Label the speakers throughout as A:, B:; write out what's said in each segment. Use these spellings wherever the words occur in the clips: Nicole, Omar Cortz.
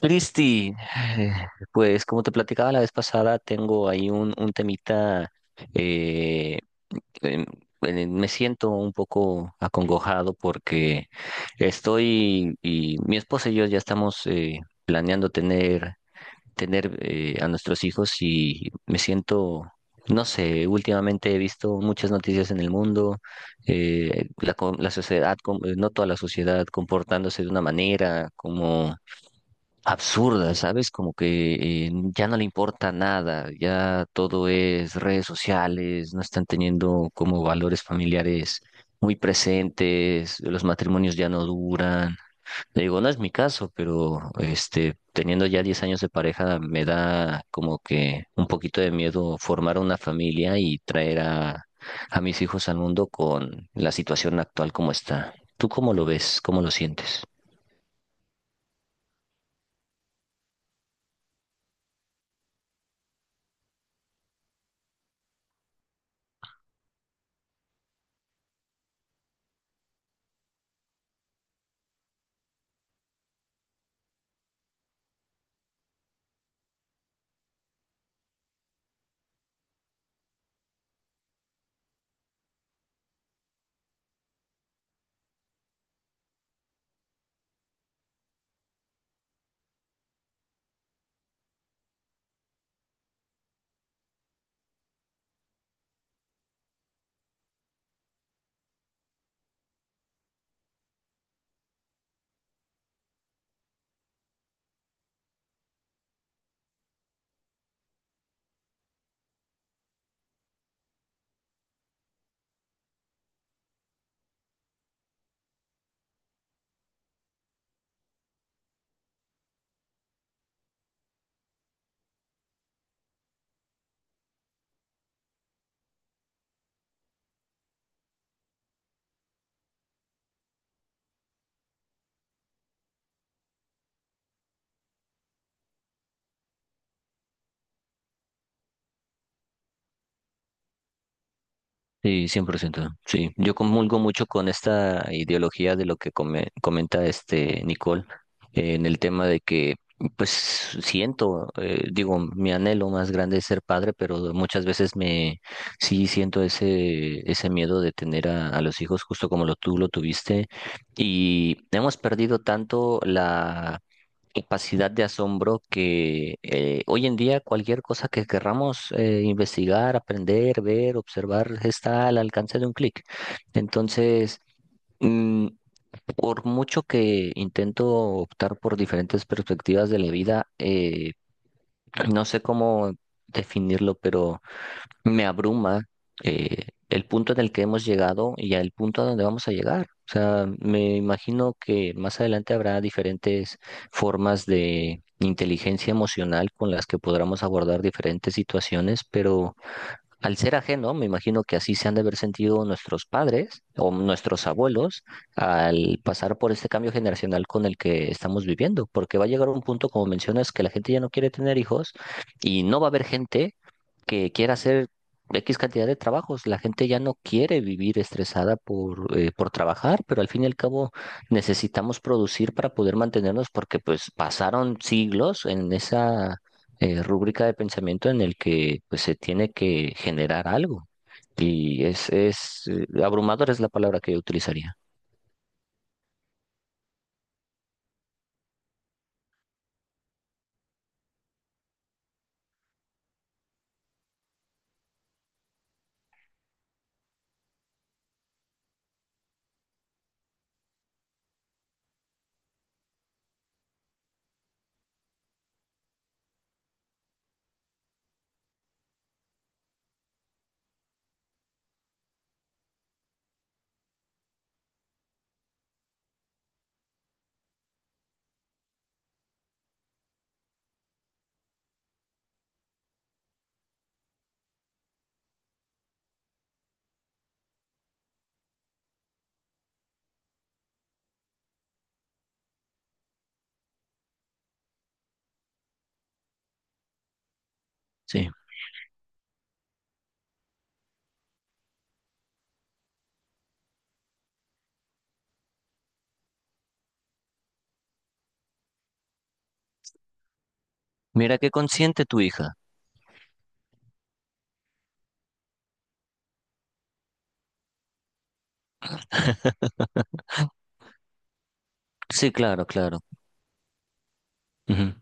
A: Cristi, eh, pues como te platicaba la vez pasada, tengo ahí un temita, eh, em, me siento un poco acongojado porque estoy, y mi esposa y yo ya estamos planeando tener a nuestros hijos y me siento, no sé, últimamente he visto muchas noticias en el mundo, la sociedad, no toda la sociedad comportándose de una manera, como absurda, ¿sabes? Como que ya no le importa nada, ya todo es redes sociales, no están teniendo como valores familiares muy presentes, los matrimonios ya no duran. Le digo, no es mi caso, pero este, teniendo ya 10 años de pareja, me da como que un poquito de miedo formar una familia y traer a mis hijos al mundo con la situación actual como está. ¿Tú cómo lo ves? ¿Cómo lo sientes? Sí, 100%. Sí, yo comulgo mucho con esta ideología de lo que comenta este Nicole, en el tema de que, pues siento, digo, mi anhelo más grande es ser padre, pero muchas veces me sí siento ese miedo de tener a los hijos justo como lo tú lo tuviste y hemos perdido tanto la capacidad de asombro que hoy en día cualquier cosa que querramos investigar, aprender, ver, observar está al alcance de un clic. Entonces, mm, por mucho que intento optar por diferentes perspectivas de la vida, no sé cómo definirlo, pero me abruma el punto en el que hemos llegado y el punto a donde vamos a llegar. O sea, me imagino que más adelante habrá diferentes formas de inteligencia emocional con las que podremos abordar diferentes situaciones, pero... Al ser ajeno, me imagino que así se han de haber sentido nuestros padres o nuestros abuelos al pasar por este cambio generacional con el que estamos viviendo, porque va a llegar un punto, como mencionas, que la gente ya no quiere tener hijos y no va a haber gente que quiera hacer X cantidad de trabajos. La gente ya no quiere vivir estresada por trabajar, pero al fin y al cabo necesitamos producir para poder mantenernos porque pues pasaron siglos en esa rúbrica de pensamiento en el que pues, se tiene que generar algo. Y es, abrumador es la palabra que yo utilizaría. Sí. Mira qué consciente tu hija. Sí, claro, claro. Ujú.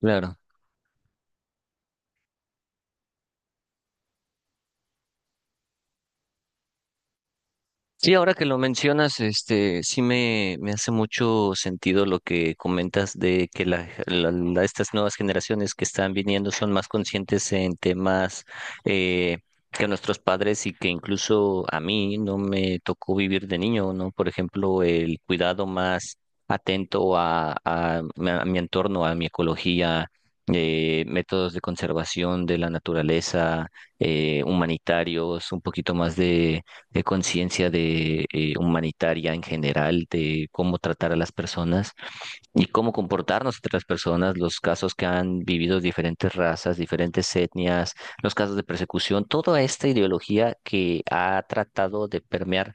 A: Claro. Sí, ahora que lo mencionas, este, me hace mucho sentido lo que comentas de que estas nuevas generaciones que están viniendo son más conscientes en temas eh, que nuestros padres y que incluso a mí no me tocó vivir de niño, ¿no? Por ejemplo, el cuidado más atento a mi entorno, a mi ecología, métodos de conservación de la naturaleza, humanitarios, un poquito más de conciencia de humanitaria en general, de cómo tratar a las personas y cómo comportarnos entre las personas, los casos que han vivido diferentes razas, diferentes etnias, los casos de persecución, toda esta ideología que ha tratado de permear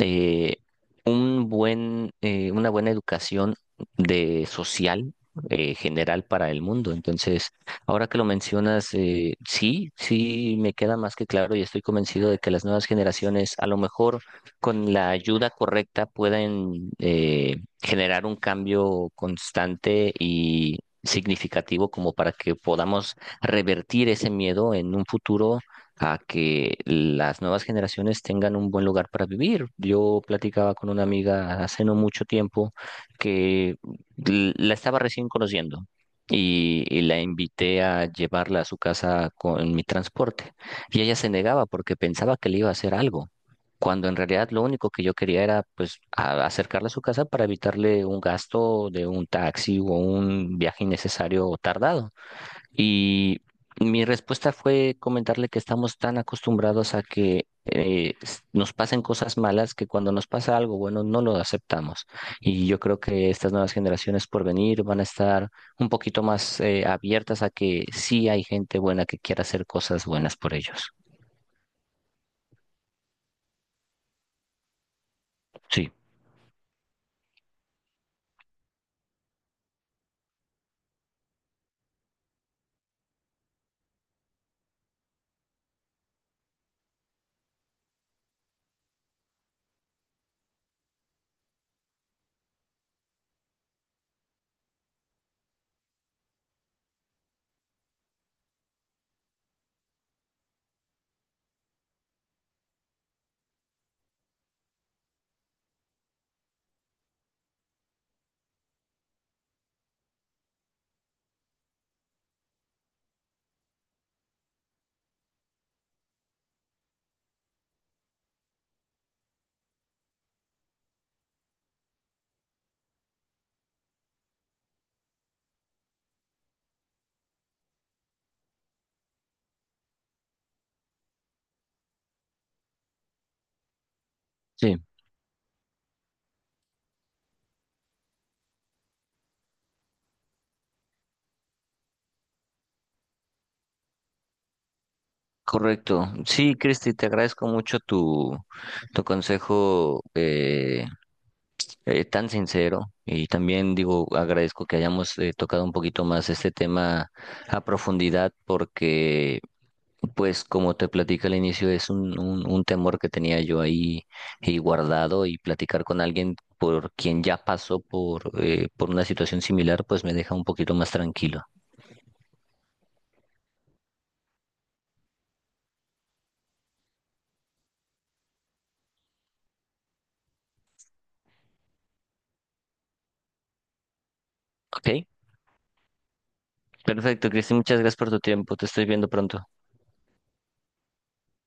A: eh, una buena educación de social general para el mundo. Entonces, ahora que lo mencionas, sí, sí me queda más que claro y estoy convencido de que las nuevas generaciones, a lo mejor con la ayuda correcta, pueden generar un cambio constante y significativo como para que podamos revertir ese miedo en un futuro a que las nuevas generaciones tengan un buen lugar para vivir. Yo platicaba con una amiga hace no mucho tiempo que la estaba recién conociendo y la invité a llevarla a su casa con mi transporte. Y ella se negaba porque pensaba que le iba a hacer algo, cuando en realidad lo único que yo quería era pues acercarla a su casa para evitarle un gasto de un taxi o un viaje innecesario o tardado. Y mi respuesta fue comentarle que estamos tan acostumbrados a que nos pasen cosas malas que cuando nos pasa algo bueno no lo aceptamos. Y yo creo que estas nuevas generaciones por venir van a estar un poquito más abiertas a que sí hay gente buena que quiera hacer cosas buenas por ellos. Sí, sí. Correcto. Sí, Cristi, te agradezco mucho tu, tu consejo. Tan sincero y también digo, agradezco que hayamos tocado un poquito más este tema a profundidad porque, pues como te platicé al inicio, es un temor que tenía yo ahí guardado y platicar con alguien por quien ya pasó por una situación similar, pues me deja un poquito más tranquilo. ¿Ok? Perfecto, Cristi, muchas gracias por tu tiempo. Te estoy viendo pronto.